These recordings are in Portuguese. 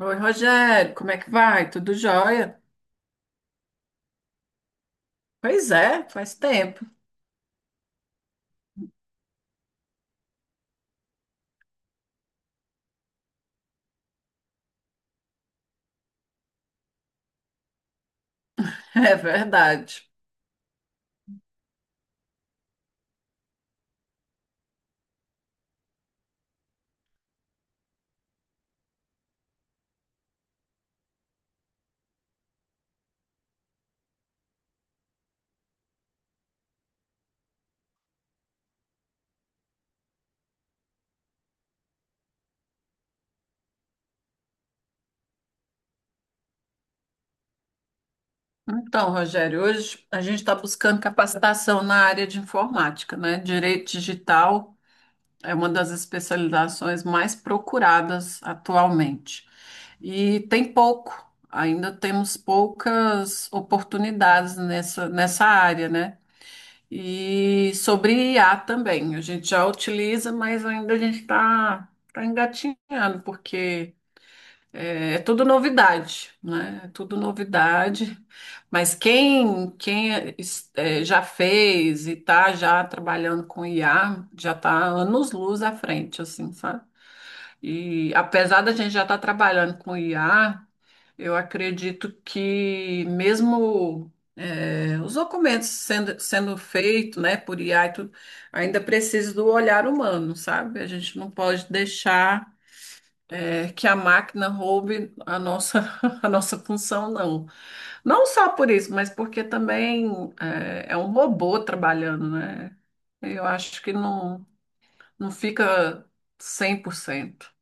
Oi, Rogério, como é que vai? Tudo jóia? Pois é, faz tempo. É verdade. Então, Rogério, hoje a gente está buscando capacitação na área de informática, né? Direito digital é uma das especializações mais procuradas atualmente. E tem pouco, ainda temos poucas oportunidades nessa área, né? E sobre IA também, a gente já utiliza, mas ainda a gente está engatinhando, porque é tudo novidade, né? É tudo novidade. Mas quem já fez e está já trabalhando com IA, já está anos-luz à frente, assim, sabe? E apesar da gente já estar trabalhando com IA, eu acredito que mesmo os documentos sendo feitos, né, por IA e tudo, ainda precisa do olhar humano, sabe? A gente não pode deixar que a máquina roube a nossa, a nossa função, não. Não só por isso, mas porque também é um robô trabalhando, né? Eu acho que não, não fica 100%.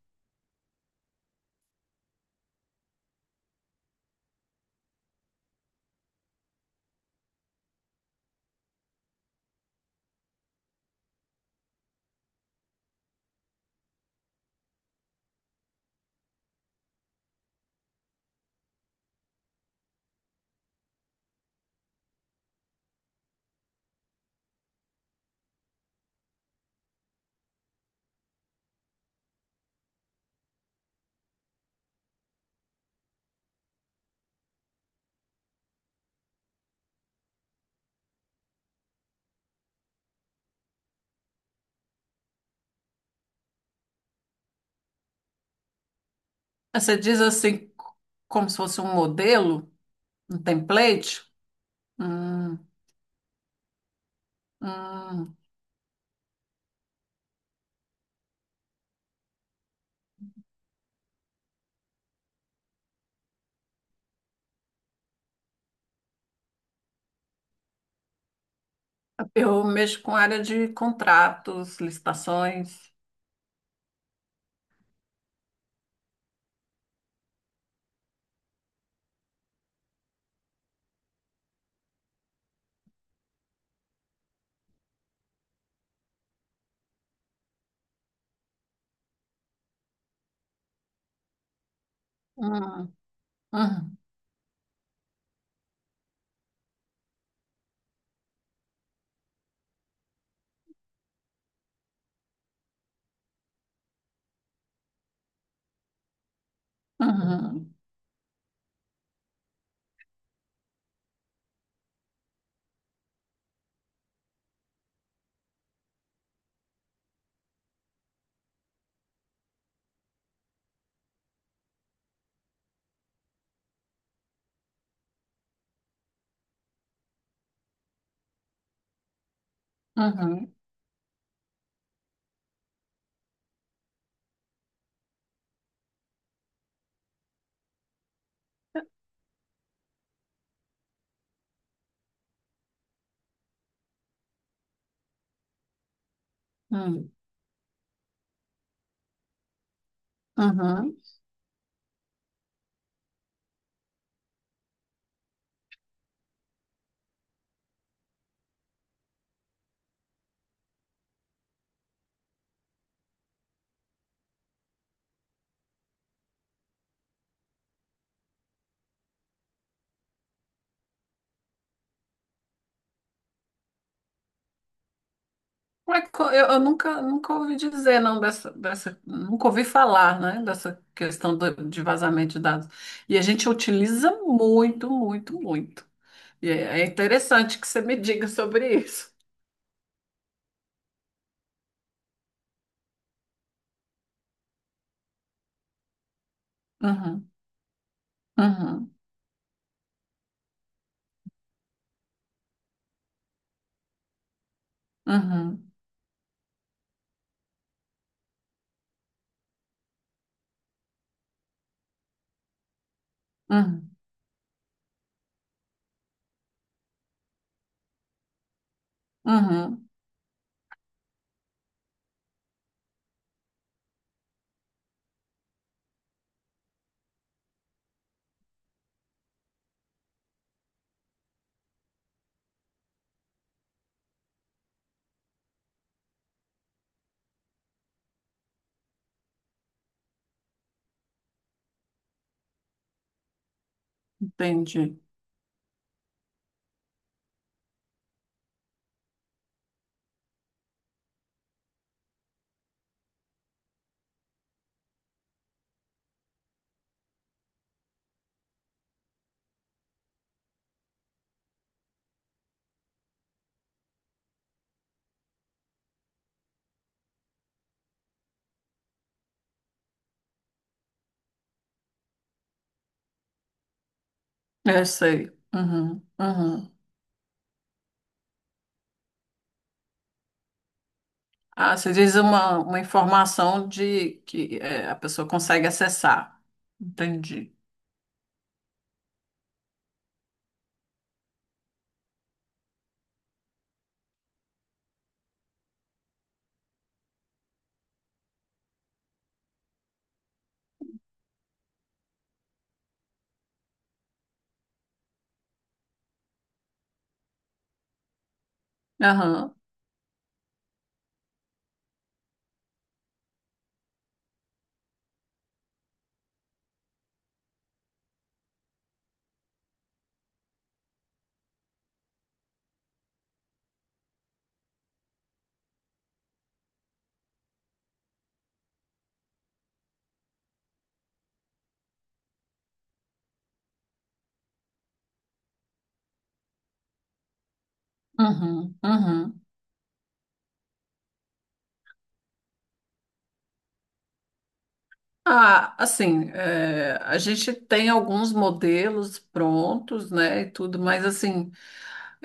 Ah, você diz assim, como se fosse um modelo, um template? Hum, hum. Eu mexo com área de contratos, licitações. Hum, hum, uhum, uhum, hum, uhum. Como é que eu nunca ouvi dizer, não, nunca ouvi falar, né, dessa questão de vazamento de dados. E a gente utiliza muito, muito, muito. E é interessante que você me diga sobre isso. Uhum, uhum, uhum. Uhum, uhum, entendi. Eu sei. Uhum, uhum. Ah, você diz uma informação de que é, a pessoa consegue acessar. Entendi. Aham, uhum, uhum. Ah, assim, é, a gente tem alguns modelos prontos, né, e tudo, mas assim,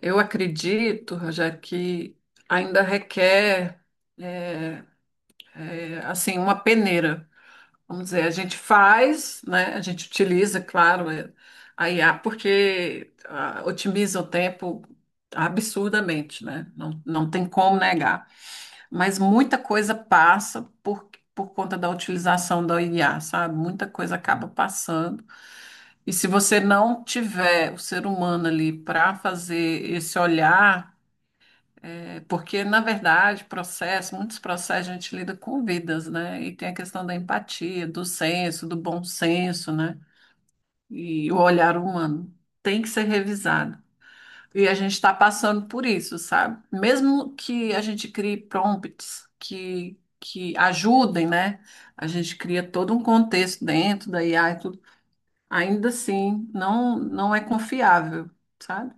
eu acredito, já que ainda requer, é, assim, uma peneira. Vamos dizer, a gente faz, né? A gente utiliza, claro, é, a IA porque otimiza o tempo absurdamente, né? Não, não tem como negar. Mas muita coisa passa por conta da utilização da IA, sabe? Muita coisa acaba passando. E se você não tiver o ser humano ali para fazer esse olhar é, porque, na verdade, muitos processos a gente lida com vidas, né? E tem a questão da empatia, do senso, do bom senso, né? E o olhar humano tem que ser revisado. E a gente está passando por isso, sabe? Mesmo que a gente crie prompts que ajudem, né? A gente cria todo um contexto dentro da IA e tudo, ainda assim não, não é confiável, sabe?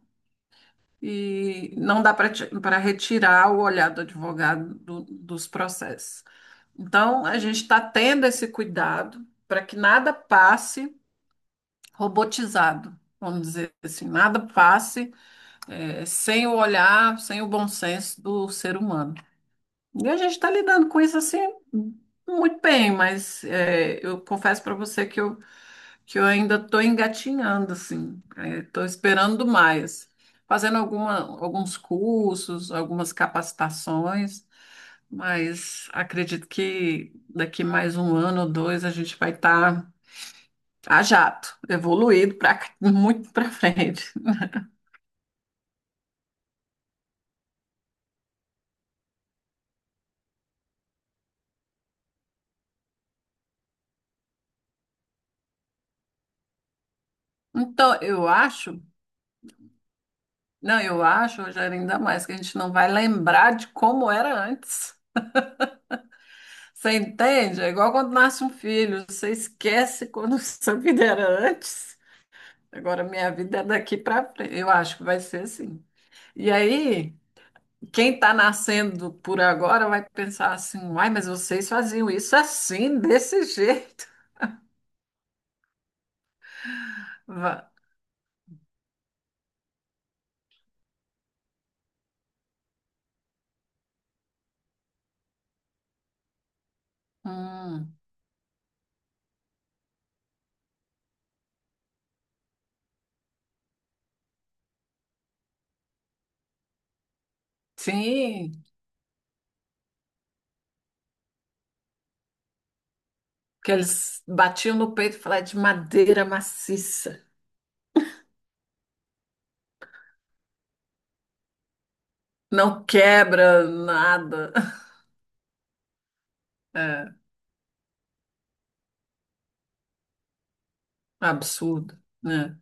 E não dá para retirar o olhar do advogado dos processos. Então, a gente está tendo esse cuidado para que nada passe robotizado, vamos dizer assim, nada passe sem o olhar, sem o bom senso do ser humano. E a gente está lidando com isso assim muito bem, mas eu confesso para você que eu ainda estou engatinhando, assim. Estou esperando mais. Fazendo alguns cursos, algumas capacitações, mas acredito que daqui mais um ano ou dois a gente vai estar a jato, evoluído para muito para frente. Então, eu acho, não, eu acho, Rogério, ainda mais que a gente não vai lembrar de como era antes. Você entende? É igual quando nasce um filho, você esquece quando sua vida era antes. Agora minha vida é daqui para frente. Eu acho que vai ser assim. E aí, quem está nascendo por agora vai pensar assim: uai, mas vocês faziam isso assim, desse jeito. Va- Hum, sim, que eles batiam no peito e falavam "É de madeira maciça, não quebra nada." É absurdo, né?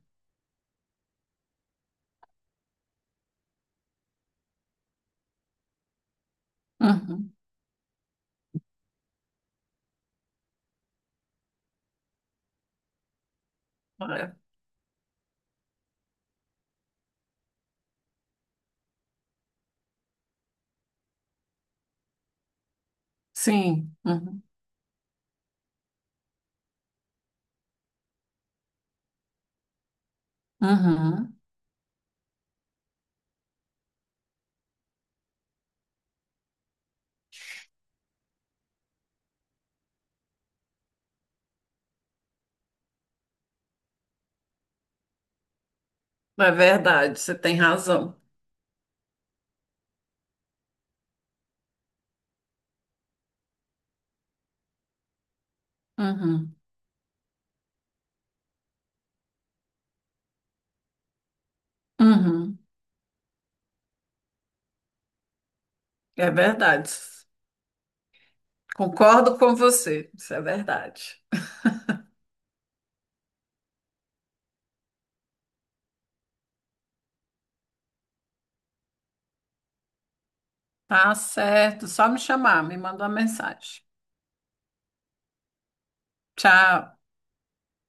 Uhum, é. Sim, uhum, uhum. É verdade, você tem razão. Uhum, uhum. É verdade. Concordo com você, isso é verdade. Tá certo, só me chamar, me manda uma mensagem. Tchau.